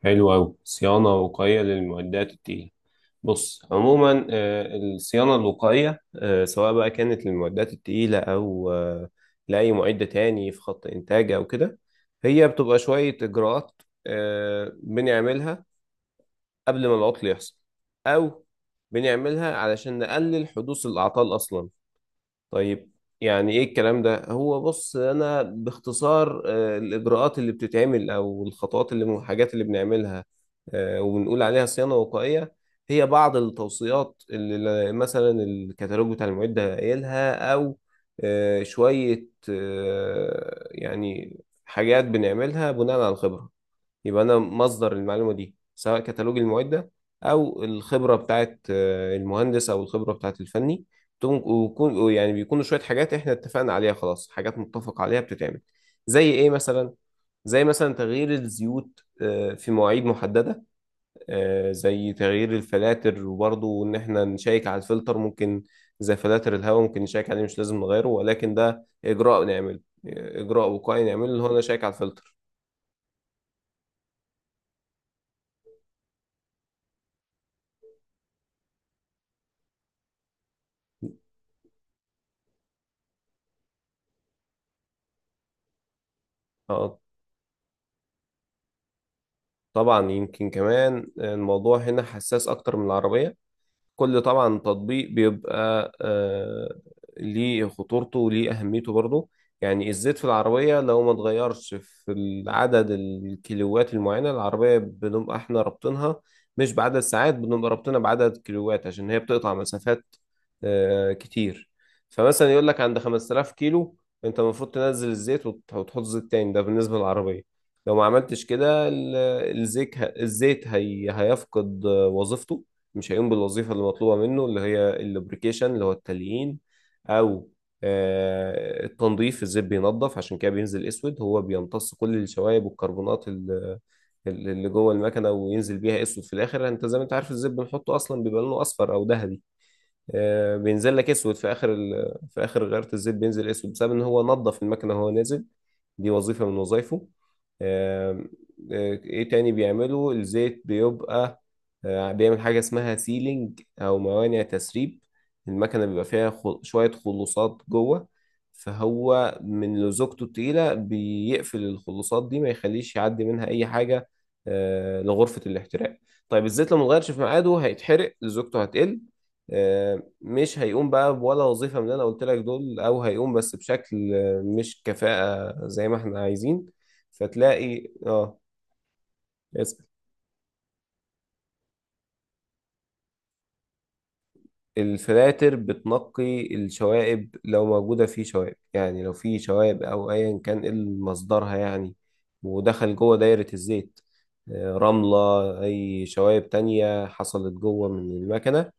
حلو أوي، صيانة وقائية للمعدات التقيلة. بص، عموما الصيانة الوقائية، سواء بقى كانت للمعدات التقيلة أو لأي معدة تاني في خط إنتاج أو كده، هي بتبقى شوية إجراءات بنعملها قبل ما العطل يحصل، أو بنعملها علشان نقلل حدوث الأعطال أصلا. طيب، يعني ايه الكلام ده؟ هو بص، انا باختصار الاجراءات اللي بتتعمل او الخطوات اللي والحاجات اللي بنعملها وبنقول عليها صيانة وقائية، هي بعض التوصيات اللي مثلا الكتالوج بتاع المعدة قايلها، او شوية يعني حاجات بنعملها بناء على الخبرة. يبقى أنا مصدر المعلومة دي سواء كتالوج المعدة أو الخبرة بتاعت المهندس أو الخبرة بتاعت الفني، ويكون يعني بيكونوا شوية حاجات إحنا اتفقنا عليها، خلاص حاجات متفق عليها بتتعمل. زي إيه مثلا؟ زي مثلا تغيير الزيوت في مواعيد محددة، زي تغيير الفلاتر، وبرضه إن إحنا نشيك على الفلتر، ممكن زي فلاتر الهواء ممكن نشيك عليه مش لازم نغيره، ولكن ده إجراء نعمله، إجراء وقائي نعمله اللي هو أنا شيك على الفلتر. اه، طبعا يمكن كمان الموضوع هنا حساس اكتر من العربية. كل طبعا تطبيق بيبقى ليه خطورته وليه أهميته برضه. يعني الزيت في العربية لو ما اتغيرش في العدد الكيلوات المعينة، العربية بنبقى احنا رابطينها مش بعدد ساعات، بنبقى رابطينها بعدد كيلوات عشان هي بتقطع مسافات كتير. فمثلا يقول لك عند 5000 كيلو، انت المفروض تنزل الزيت وتحط زيت تاني، ده بالنسبة للعربية. لو ما عملتش كده الزيت هي هيفقد وظيفته، مش هيقوم بالوظيفة اللي مطلوبة منه، اللي هي اللوبريكيشن اللي هو التليين، أو التنظيف. الزيت بينظف، عشان كده بينزل أسود، هو بيمتص كل الشوائب والكربونات اللي جوه المكنة وينزل بيها أسود في الآخر. أنت زي ما أنت عارف، الزيت بنحطه أصلا بيبقى لونه أصفر أو ذهبي، بينزل لك اسود في اخر في اخر غيره، الزيت بينزل اسود بسبب ان هو نظف المكنه وهو نازل. دي وظيفه من وظائفه. آم، ايه تاني بيعمله الزيت؟ بيبقى بيعمل حاجة اسمها سيلينج او موانع تسريب. المكنة بيبقى فيها شوية خلوصات جوه، فهو من لزوجته التقيلة بيقفل الخلوصات دي، ما يخليش يعدي منها اي حاجة لغرفة الاحتراق. طيب الزيت لو متغيرش في ميعاده هيتحرق، لزوجته هتقل، آه، مش هيقوم بقى ولا وظيفة من اللي أنا قلت لك دول، أو هيقوم بس بشكل مش كفاءة زي ما إحنا عايزين. فتلاقي اسأل. الفلاتر بتنقي الشوائب، لو موجودة في شوائب، يعني لو في شوائب أو أيا كان إيه مصدرها يعني، ودخل جوه دايرة الزيت رملة، أي شوائب تانية حصلت جوه من المكنة،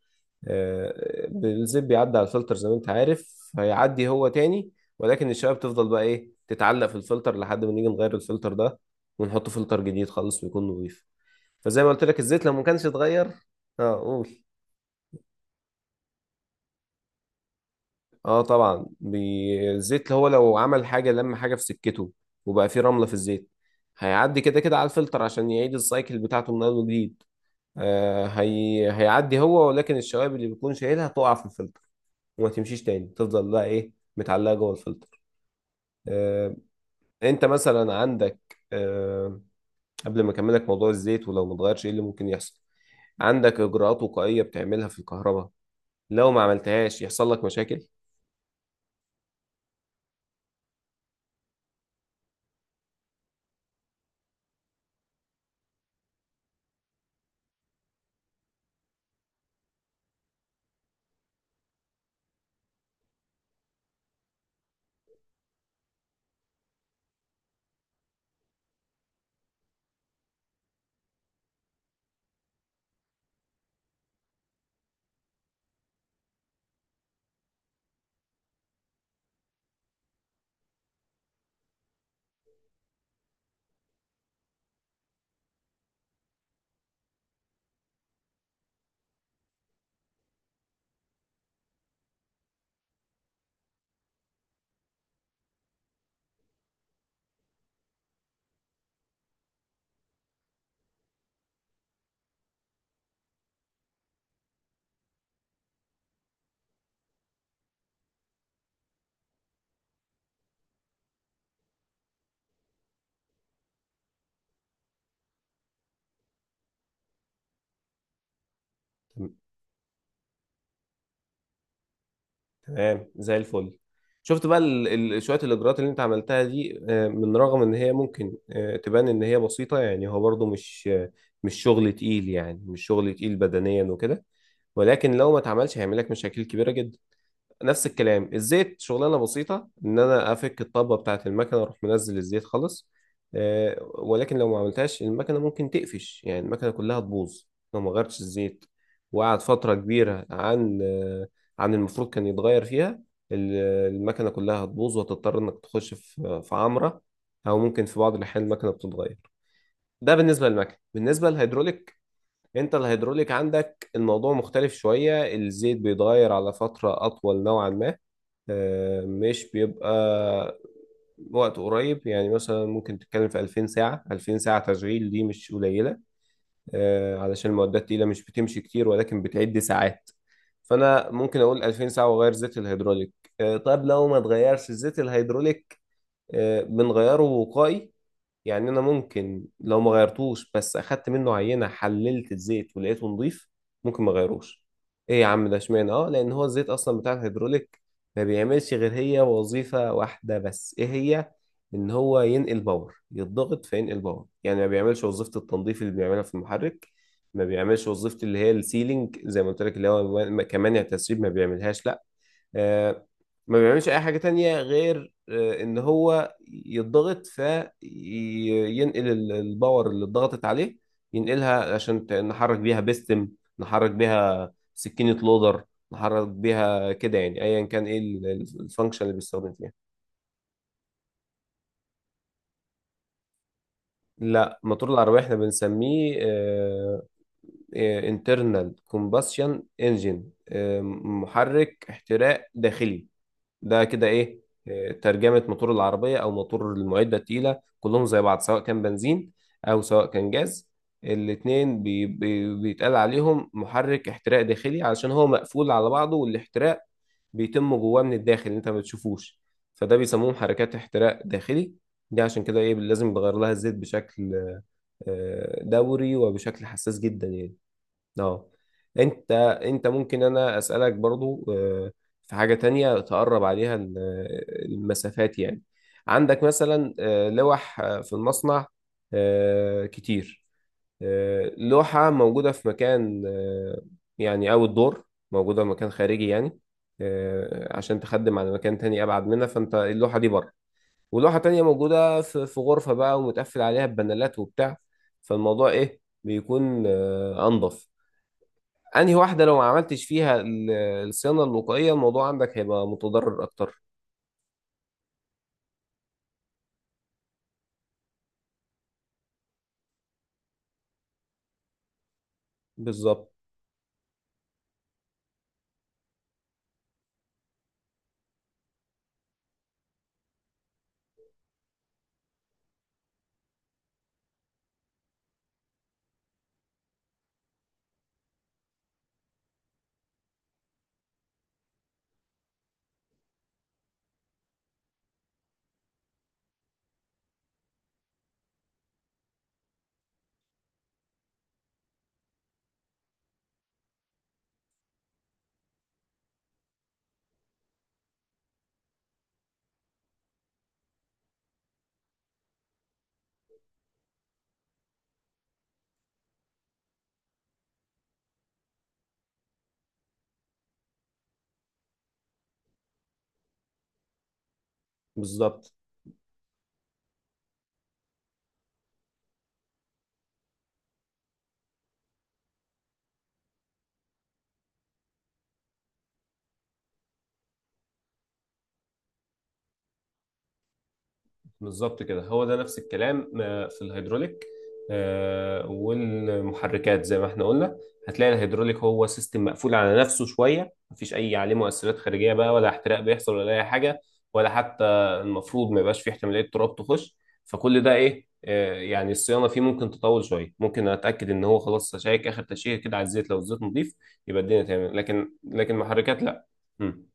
بالزيب بيعدي على الفلتر، زي ما انت عارف هيعدي هو تاني، ولكن الشباب تفضل بقى ايه؟ تتعلق في الفلتر لحد ما نيجي نغير الفلتر ده، ونحط فلتر جديد خالص ويكون نظيف. فزي ما قلت لك، الزيت لو ما كانش اتغير، اه قول. اه طبعا الزيت هو لو عمل حاجه لم حاجه في سكته، وبقى فيه رمله في الزيت، هيعدي كده كده على الفلتر عشان يعيد السايكل بتاعته من اول وجديد. هيعدي هو، ولكن الشوائب اللي بيكون شايلها تقع في الفلتر وما تمشيش تاني، تفضل بقى ايه؟ متعلقه جوه الفلتر. آه، انت مثلا عندك، قبل ما اكملك موضوع الزيت ولو ما اتغيرش ايه اللي ممكن يحصل، عندك اجراءات وقائيه بتعملها في الكهرباء، لو ما عملتهاش يحصل لك مشاكل. تم- تمام. زي الفل شفت بقى شويه الاجراءات اللي انت عملتها دي، من رغم ان هي ممكن تبان ان هي بسيطه، يعني هو برضو مش شغل تقيل، يعني مش شغل تقيل بدنيا وكده، ولكن لو ما اتعملش هيعمل لك مشاكل كبيره جدا. نفس الكلام الزيت، شغلانه بسيطه ان انا افك الطبه بتاعه المكنه اروح منزل الزيت خالص، ولكن لو ما عملتهاش المكنه ممكن تقفش، يعني المكنه كلها تبوظ. لو ما غيرتش الزيت وقعد فتره كبيره عن المفروض كان يتغير فيها، ال- المكنه كلها هتبوظ وهتضطر انك تخش في عمره، او ممكن في بعض الاحيان المكنه بتتغير. ده بالنسبه للمكنه، بالنسبه للهيدروليك، انت الهيدروليك عندك الموضوع مختلف شويه، الزيت بيتغير على فتره اطول نوعا ما، مش بيبقى وقت قريب، يعني مثلا ممكن تتكلم في 2000 ساعة، 2000 ساعة تشغيل دي مش قليلة، علشان المعدات التقيلة مش بتمشي كتير، ولكن بتعد ساعات، فأنا ممكن أقول 2000 ساعة وأغير زيت الهيدروليك. طب لو ما اتغيرش الزيت الهيدروليك، بنغيره وقائي. يعني انا ممكن لو ما غيرتوش بس اخدت منه عينه حللت الزيت ولقيته نضيف، ممكن ما غيروش. ايه يا عم ده اشمعنى؟ اه، لان هو الزيت اصلا بتاع الهيدروليك ما بيعملش غير هي وظيفه واحده بس. ايه هي؟ ان هو ينقل باور، يتضغط فينقل باور، يعني ما بيعملش وظيفه التنظيف اللي بيعملها في المحرك، ما بيعملش وظيفه اللي هي السيلينج زي ما قلت لك، اللي هو كمان التسريب ما بيعملهاش، لا آه، ما بيعملش اي حاجة تانية غير ان هو يضغط فينقل الباور اللي اتضغطت عليه، ينقلها عشان نحرك بيها بيستم، نحرك بيها سكينة لودر، نحرك بيها كده، يعني ايا كان ايه الفانكشن اللي بيستخدم فيها. لا، موتور العربية احنا بنسميه انترنال كومباشن انجن، محرك احتراق داخلي، ده كده ايه ترجمة موتور العربية او موتور المعدة التقيلة. كلهم زي بعض سواء كان بنزين او سواء كان جاز، الاتنين بي بي بيتقال عليهم محرك احتراق داخلي، علشان هو مقفول على بعضه، والاحتراق بيتم جواه من الداخل، انت ما بتشوفوش، فده بيسموه محركات احتراق داخلي. دي عشان كده ايه لازم بغير لها الزيت بشكل دوري وبشكل حساس جدا يعني. اه. انت، ممكن انا اسالك برضو في حاجه تانية تقرب عليها المسافات يعني. عندك مثلا لوح في المصنع كتير، لوحه موجوده في مكان، يعني اول دور، موجوده في مكان خارجي يعني، عشان تخدم على مكان تاني ابعد منها، فانت اللوحه دي بره، ولوحه تانية موجوده في غرفه بقى، ومتقفل عليها ببانلات وبتاع. فالموضوع ايه بيكون انضف؟ انهي واحدة لو ما عملتش فيها الصيانة الوقائية، الموضوع عندك هيبقى متضرر اكتر. بالظبط. بالظبط، بالظبط كده، هو ده نفس الكلام في الهيدروليك، والمحركات. زي ما احنا قلنا، هتلاقي الهيدروليك هو سيستم مقفول على نفسه شوية، مفيش أي عليه مؤثرات خارجية بقى، ولا احتراق بيحصل ولا أي حاجة، ولا حتى المفروض ما يبقاش فيه احتمالية تراب تخش. فكل ده إيه؟ يعني الصيانة فيه ممكن تطول شوية، ممكن أتأكد إن هو خلاص أشيك آخر تشيكة كده على الزيت، لو الزيت نضيف يبقى الدنيا تمام. لكن المحركات لأ. مم.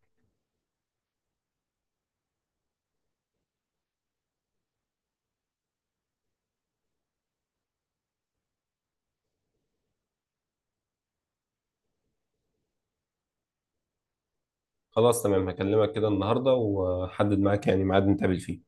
خلاص تمام، هكلمك كده النهاردة وأحدد معاك يعني ميعاد نتقابل فيه.